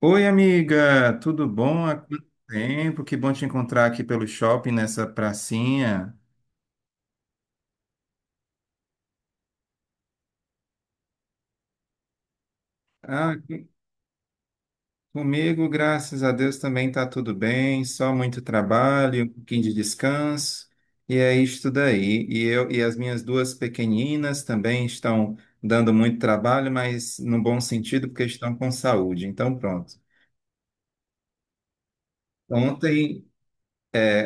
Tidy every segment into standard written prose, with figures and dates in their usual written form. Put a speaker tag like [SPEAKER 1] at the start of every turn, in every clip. [SPEAKER 1] Oi, amiga, tudo bom? Há quanto tempo? Que bom te encontrar aqui pelo shopping nessa pracinha. Ah, comigo, graças a Deus, também tá tudo bem, só muito trabalho, um pouquinho de descanso, e é isto daí. E eu e as minhas duas pequeninas também estão dando muito trabalho, mas no bom sentido, porque estão com saúde. Então, pronto. Ontem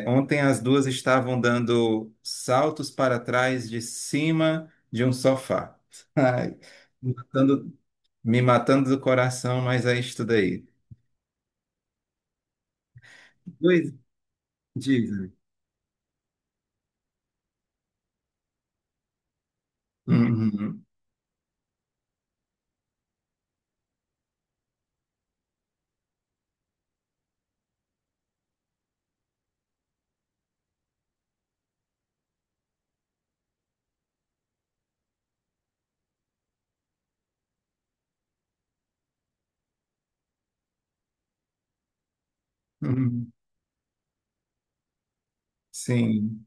[SPEAKER 1] Ontem as duas estavam dando saltos para trás de cima de um sofá. Ai, me matando, me matando, do coração, mas é isso daí. Dois, dizem. Uhum, uhum, sim.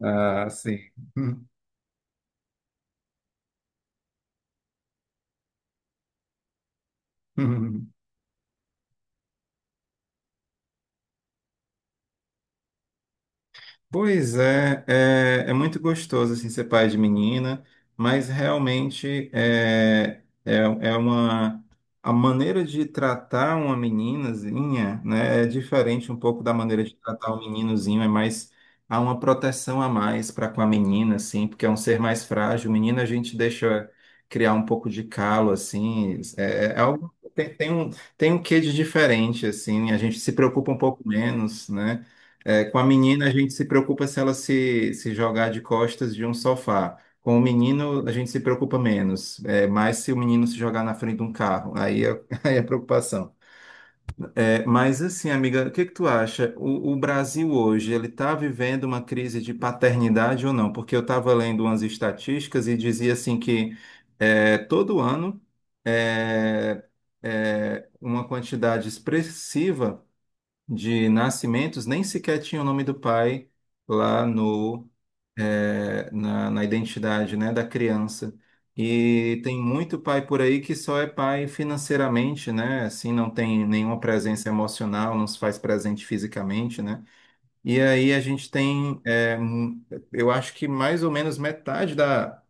[SPEAKER 1] Ah, sim. Uhum. Uhum. Pois é, é muito gostoso assim, ser pai de menina, mas realmente é, é, é uma a maneira de tratar uma meninazinha, né, é diferente um pouco da maneira de tratar um meninozinho, é mais, há uma proteção a mais para com a menina, assim, porque é um ser mais frágil. Menina a gente deixa criar um pouco de calo, assim, algo tem um quê de diferente, assim, a gente se preocupa um pouco menos, né? É, com a menina, a gente se preocupa se ela se jogar de costas de um sofá. Com o menino, a gente se preocupa menos. É, mais se o menino se jogar na frente de um carro. Aí é, aí é preocupação. É, mas assim, amiga, o que que tu acha? O Brasil hoje, ele está vivendo uma crise de paternidade ou não? Porque eu estava lendo umas estatísticas e dizia assim que todo ano, é, uma quantidade expressiva de nascimentos nem sequer tinha o nome do pai lá no, na identidade, né, da criança. E tem muito pai por aí que só é pai financeiramente, né? Assim, não tem nenhuma presença emocional, não se faz presente fisicamente, né? E aí a gente tem, eu acho que mais ou menos metade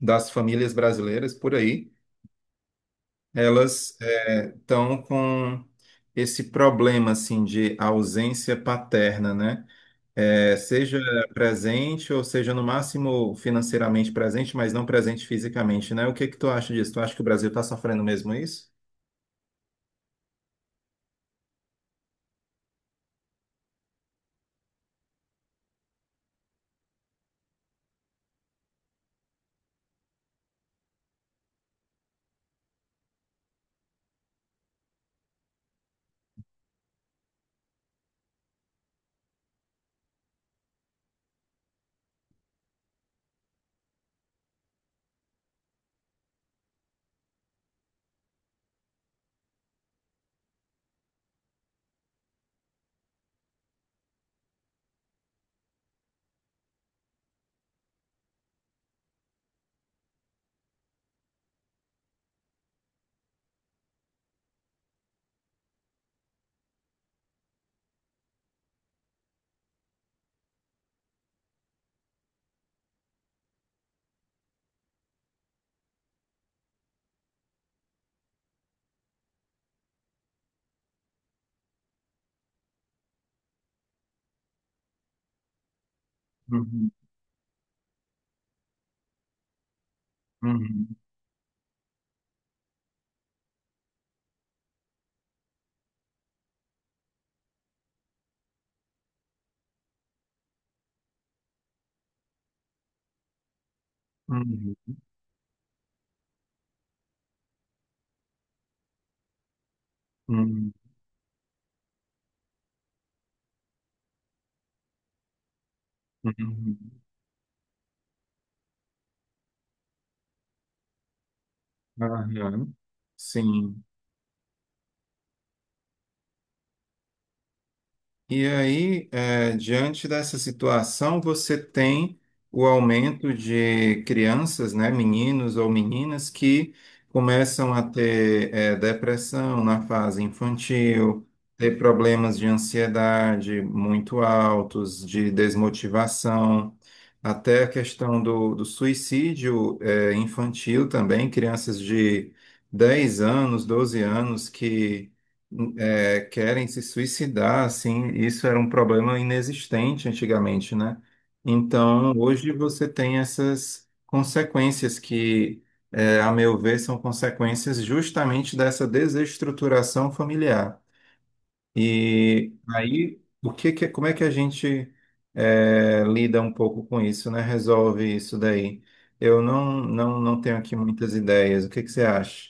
[SPEAKER 1] das famílias brasileiras por aí elas estão com esse problema assim de ausência paterna, né? É, seja presente ou seja no máximo financeiramente presente, mas não presente fisicamente, né? O que que tu acha disso? Tu acha que o Brasil está sofrendo mesmo isso? Uhum, uhum, uhum, uhum, uhum. Aham. Sim. E aí, diante dessa situação, você tem o aumento de crianças, né, meninos ou meninas, que começam a ter, depressão na fase infantil, ter problemas de ansiedade muito altos, de desmotivação, até a questão do suicídio, infantil também, crianças de 10 anos, 12 anos que querem se suicidar, assim, isso era um problema inexistente antigamente, né? Então, hoje você tem essas consequências que, é, a meu ver, são consequências justamente dessa desestruturação familiar. E aí, o que que- como é que a gente lida um pouco com isso, né? Resolve isso daí? Eu não tenho aqui muitas ideias. O que que você acha?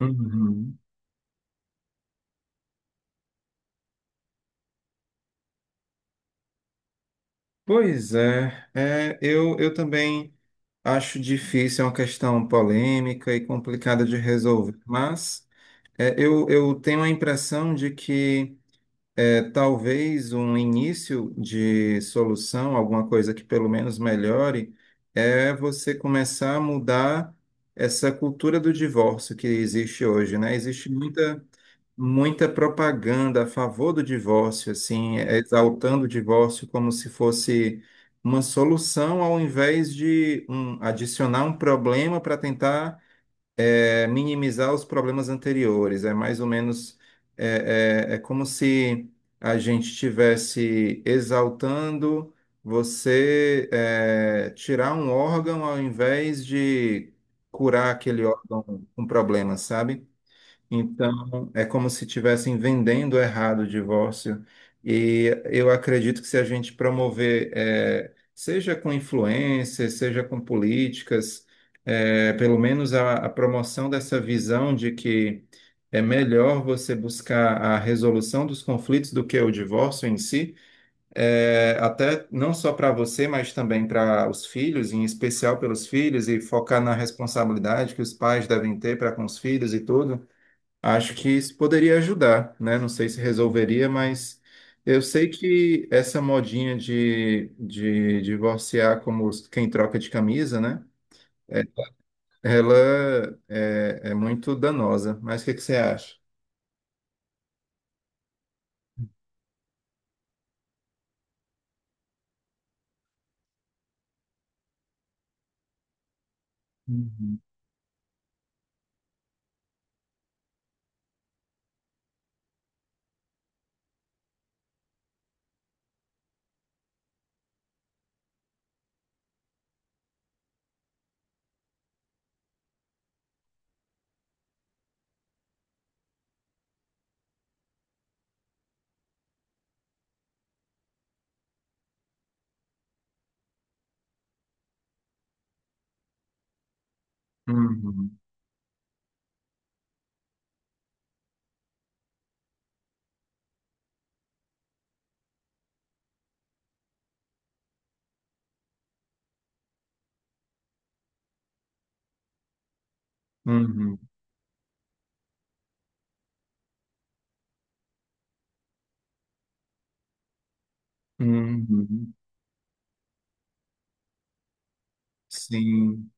[SPEAKER 1] Uhum. Pois é, é, eu também acho difícil, é uma questão polêmica e complicada de resolver, mas é, eu tenho a impressão de que é, talvez um início de solução, alguma coisa que pelo menos melhore, é você começar a mudar essa cultura do divórcio que existe hoje, né? Existe muita propaganda a favor do divórcio, assim, exaltando o divórcio como se fosse uma solução ao invés de um, adicionar um problema para tentar minimizar os problemas anteriores. É mais ou menos é como se a gente estivesse exaltando você tirar um órgão ao invés de curar aquele órgão com problema, sabe? Então, é como se estivessem vendendo errado o divórcio. E eu acredito que se a gente promover, seja com influências, seja com políticas, pelo menos a promoção dessa visão de que é melhor você buscar a resolução dos conflitos do que o divórcio em si, até não só para você, mas também para os filhos, em especial pelos filhos, e focar na responsabilidade que os pais devem ter para com os filhos e tudo. Acho que isso poderia ajudar, né? Não sei se resolveria, mas eu sei que essa modinha de divorciar como os- quem troca de camisa, né? É- Ela é, é muito danosa. Mas o que que você acha? Uhum, uhum, uhum, uhum. Sim,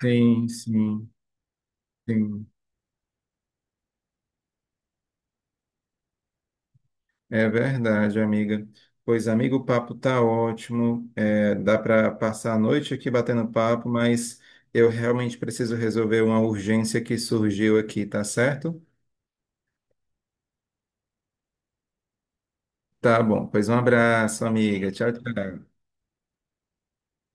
[SPEAKER 1] sim, sim, sim. É verdade, amiga. Pois, amigo, o papo tá ótimo. É, dá para passar a noite aqui batendo papo, mas eu realmente preciso resolver uma urgência que surgiu aqui, tá certo? Tá bom. Pois um abraço, amiga. Tchau, tchau.